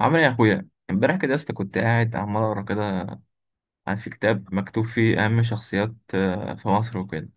عامل ايه يا اخويا؟ امبارح كده يا اسطى كنت قاعد عمال اقرا كده عن في كتاب مكتوب فيه اهم شخصيات في مصر وكده.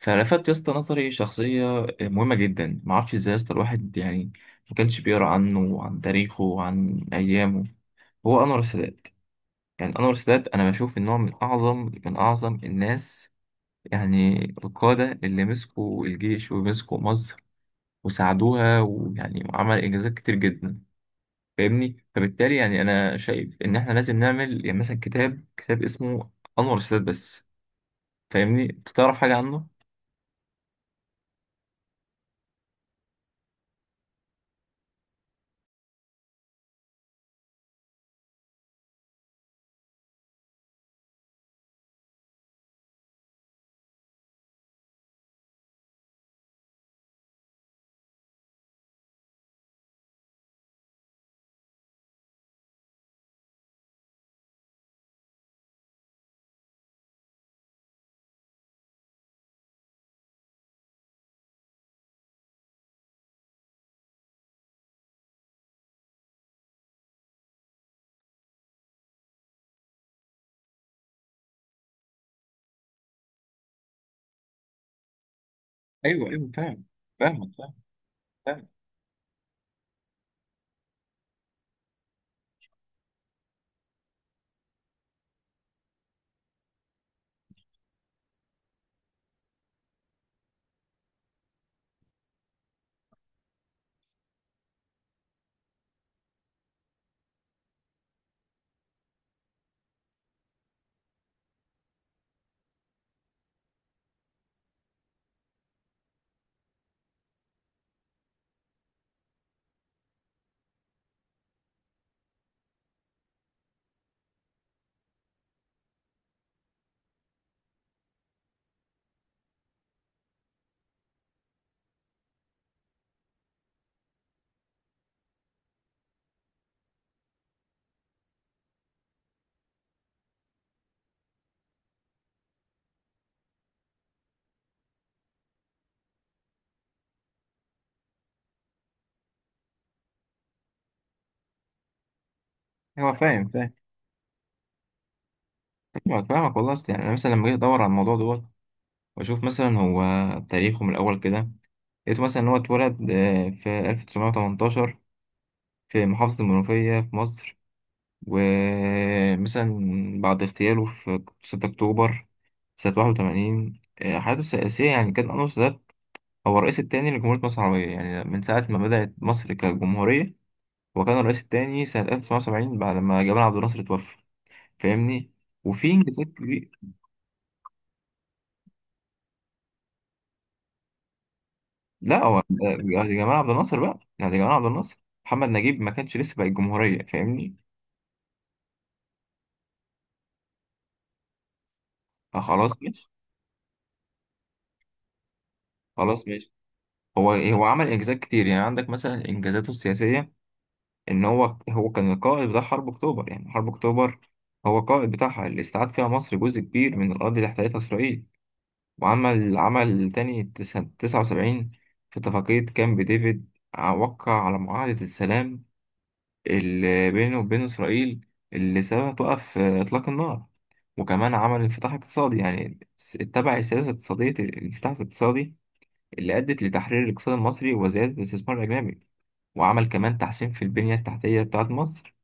فلفت يا اسطى نظري شخصيه مهمه جدا. ما اعرفش ازاي يا اسطى الواحد يعني ما كانش بيقرا عنه وعن تاريخه وعن ايامه. هو انور السادات. يعني انور السادات انا بشوف ان هو من اعظم الناس، يعني القاده اللي مسكوا الجيش ومسكوا مصر وساعدوها، ويعني عمل انجازات كتير جدا. فاهمني؟ فبالتالي يعني انا شايف ان احنا لازم نعمل يعني مثلا كتاب اسمه انور السادات بس. فاهمني؟ انت تعرف حاجه عنه؟ ايوه ايوه، فاهم. فاهمك، فاهم. فاهم. هو فاهم فاهم. فاهمك فاهمك والله. أصل يعني انا مثلا لما جيت ادور على الموضوع دوت واشوف مثلا هو تاريخه من الاول كده، لقيته مثلا ان هو اتولد في 1918 في محافظه المنوفيه في مصر. ومثلا بعد اغتياله في 6 اكتوبر سنه 81، حياته السياسيه يعني كان انور السادات هو الرئيس الثاني لجمهورية مصر العربية. يعني من ساعة ما بدأت مصر كجمهورية هو كان الرئيس الثاني سنة 1970 بعد ما جمال عبد الناصر توفى. فاهمني؟ وفي انجازات كبيرة. لا هو ده جمال عبد الناصر بقى، يعني ده جمال عبد الناصر. محمد نجيب ما كانش لسه بقى الجمهورية. فاهمني؟ آه، خلاص ماشي. خلاص ماشي. هو عمل انجازات كتير. يعني عندك مثلا انجازاته السياسية ان هو كان القائد بتاع حرب اكتوبر. يعني حرب اكتوبر هو القائد بتاعها، اللي استعاد فيها مصر جزء كبير من الأرض اللي احتلتها إسرائيل. وعمل تاني 79 في اتفاقية كامب ديفيد، وقع على معاهدة السلام اللي بينه وبين إسرائيل، اللي سببها توقف إطلاق النار. وكمان عمل انفتاح اقتصادي، يعني اتبع سياسة اقتصادية الانفتاح الاقتصادي اللي أدت لتحرير الاقتصاد المصري وزيادة الاستثمار الأجنبي. وعمل كمان تحسين في البنية التحتية بتاعة مصر.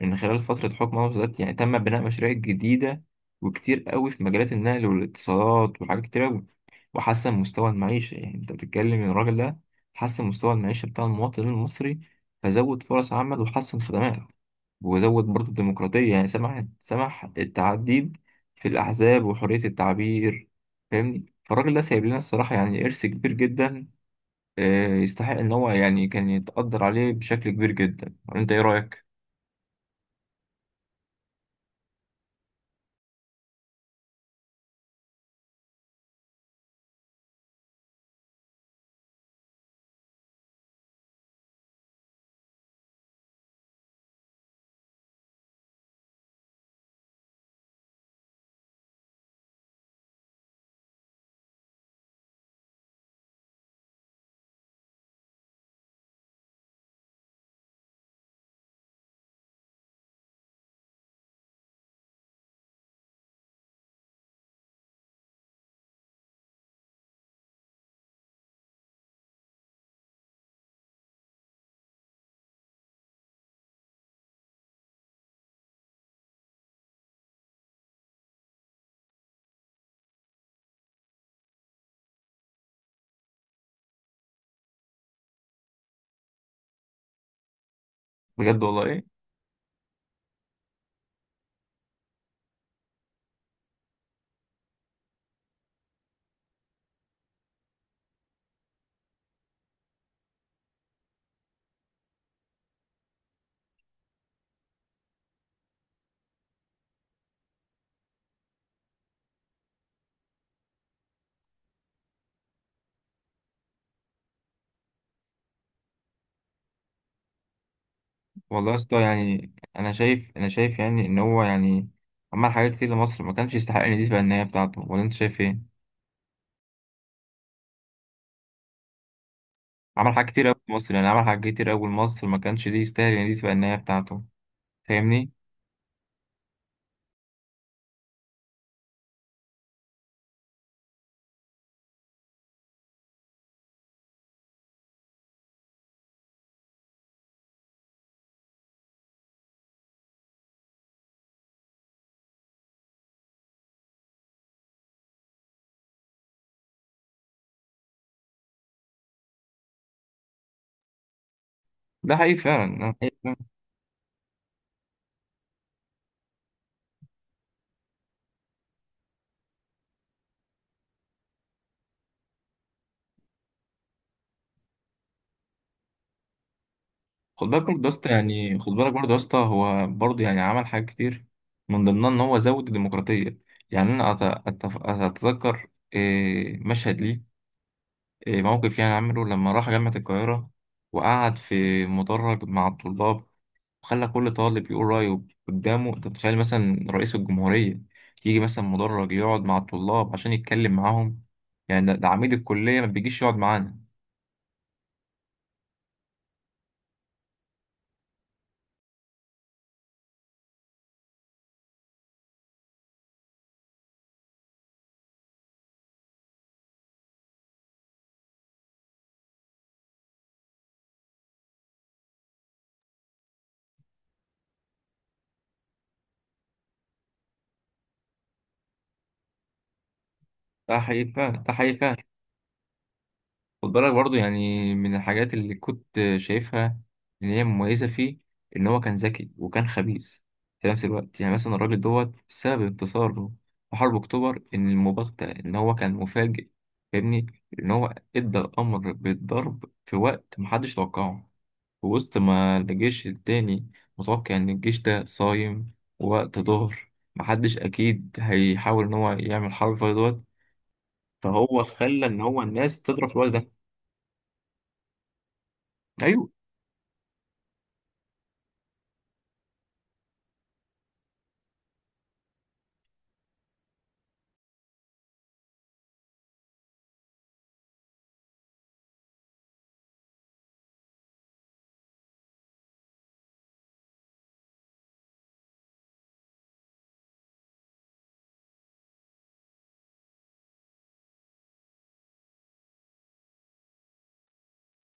من خلال فترة حكم أنور السادات يعني تم بناء مشاريع جديدة وكتير قوي في مجالات النقل والاتصالات وحاجات كتير قوي. وحسن مستوى المعيشة، يعني أنت بتتكلم إن الراجل ده حسن مستوى المعيشة بتاع المواطن المصري، فزود فرص عمل وحسن خدمات. وزود برضه الديمقراطية يعني سمح التعديد في الأحزاب وحرية التعبير. فاهمني؟ فالراجل ده سايب لنا الصراحة يعني إرث كبير جدا، يستحق إن هو يعني كان يتقدر عليه بشكل كبير جدا. أنت إيه رأيك؟ بجد والله. والله يا اسطى، يعني انا شايف يعني ان هو يعني عمل حاجات كتير لمصر، ما كانش يستحق ان دي تبقى النهايه بتاعته. ولا انت شايف ايه؟ عمل حاجات كتير قوي لمصر، يعني عمل حاجات كتير قوي لمصر ما كانش دي يستاهل ان دي تبقى النهايه بتاعته. فاهمني؟ ده حقيقي فعلا أنا شايف ده. حقيقي فعلا. خد بالك برضه يا اسطى، يعني خد بالك برضه يا اسطى هو برضه يعني عمل حاجات كتير من ضمنها ان هو زود الديمقراطيه. يعني انا اتذكر مشهد ليه، موقف يعني عمله لما راح جامعه القاهره وقعد في مدرج مع الطلاب. خلى كل طالب يقول رأيه قدامه. انت متخيل مثلا رئيس الجمهورية يجي مثلا مدرج يقعد مع الطلاب عشان يتكلم معاهم؟ يعني ده عميد الكلية ما بيجيش يقعد معانا. ده حقيقي فعلا، ده حقيقي فعلا. خد بالك برضه يعني من الحاجات اللي كنت شايفها إن هي مميزة فيه، إن هو كان ذكي وكان خبيث في نفس الوقت. يعني مثلا الراجل دوت سبب انتصاره في حرب أكتوبر إن المباغتة، إن هو كان مفاجئ. فاهمني؟ إن هو إدى الأمر بالضرب في وقت محدش توقعه، في وسط ما الجيش التاني متوقع إن الجيش ده صايم. ووقت ظهر محدش أكيد هيحاول إن هو يعمل حرب في دوت. فهو خلى إن هو الناس تضرب في الوقت ده. أيوه.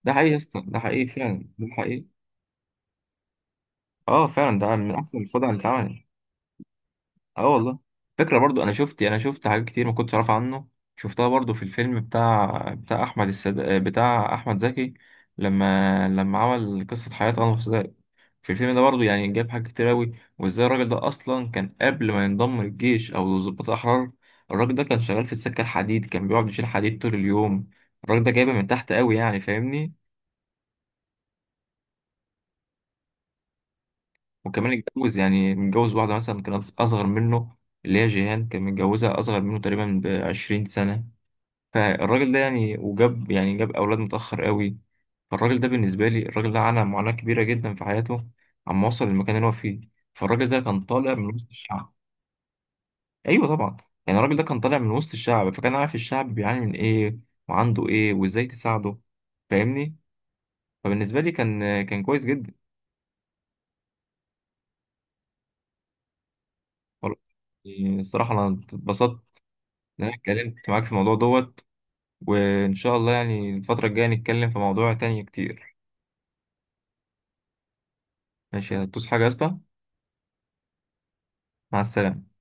ده حقيقي يا اسطى، ده حقيقي فعلا ده حقيقي. أه فعلا، ده من أحسن الخدع اللي اتعملت. أه والله. فكرة برضو. أنا شفت حاجات كتير ما كنتش أعرف عنه. شفتها برضو في الفيلم بتاع أحمد زكي لما عمل قصة حياة أنور السادات. في الفيلم ده برضه يعني جاب حاجات كتير أوي، وإزاي الراجل ده أصلا كان قبل ما ينضم للجيش أو لضباط الأحرار. الراجل ده كان شغال في السكة الحديد، كان بيقعد يشيل حديد طول اليوم. الراجل ده جايبه من تحت أوي يعني. فاهمني؟ وكمان اتجوز، يعني متجوز واحدة مثلا كانت أصغر منه، اللي هي جيهان كان متجوزها أصغر منه تقريبا بـ20 سنة. فالراجل ده يعني وجاب يعني جاب أولاد متأخر أوي. فالراجل ده بالنسبة لي الراجل ده عانى معاناة كبيرة جدا في حياته عما وصل للمكان اللي هو فيه. فالراجل ده كان طالع من وسط الشعب. ايوه طبعا. يعني الراجل ده كان طالع من وسط الشعب فكان عارف الشعب بيعاني من ايه وعنده ايه وازاي تساعده. فاهمني؟ فبالنسبه لي كان كويس جدا. والله. يعني الصراحه انا اتبسطت ان انا اتكلمت معاك في الموضوع دوت. وان شاء الله يعني الفتره الجايه نتكلم في موضوع تاني كتير. ماشي. هتدوس حاجه يا اسطى؟ مع السلامه.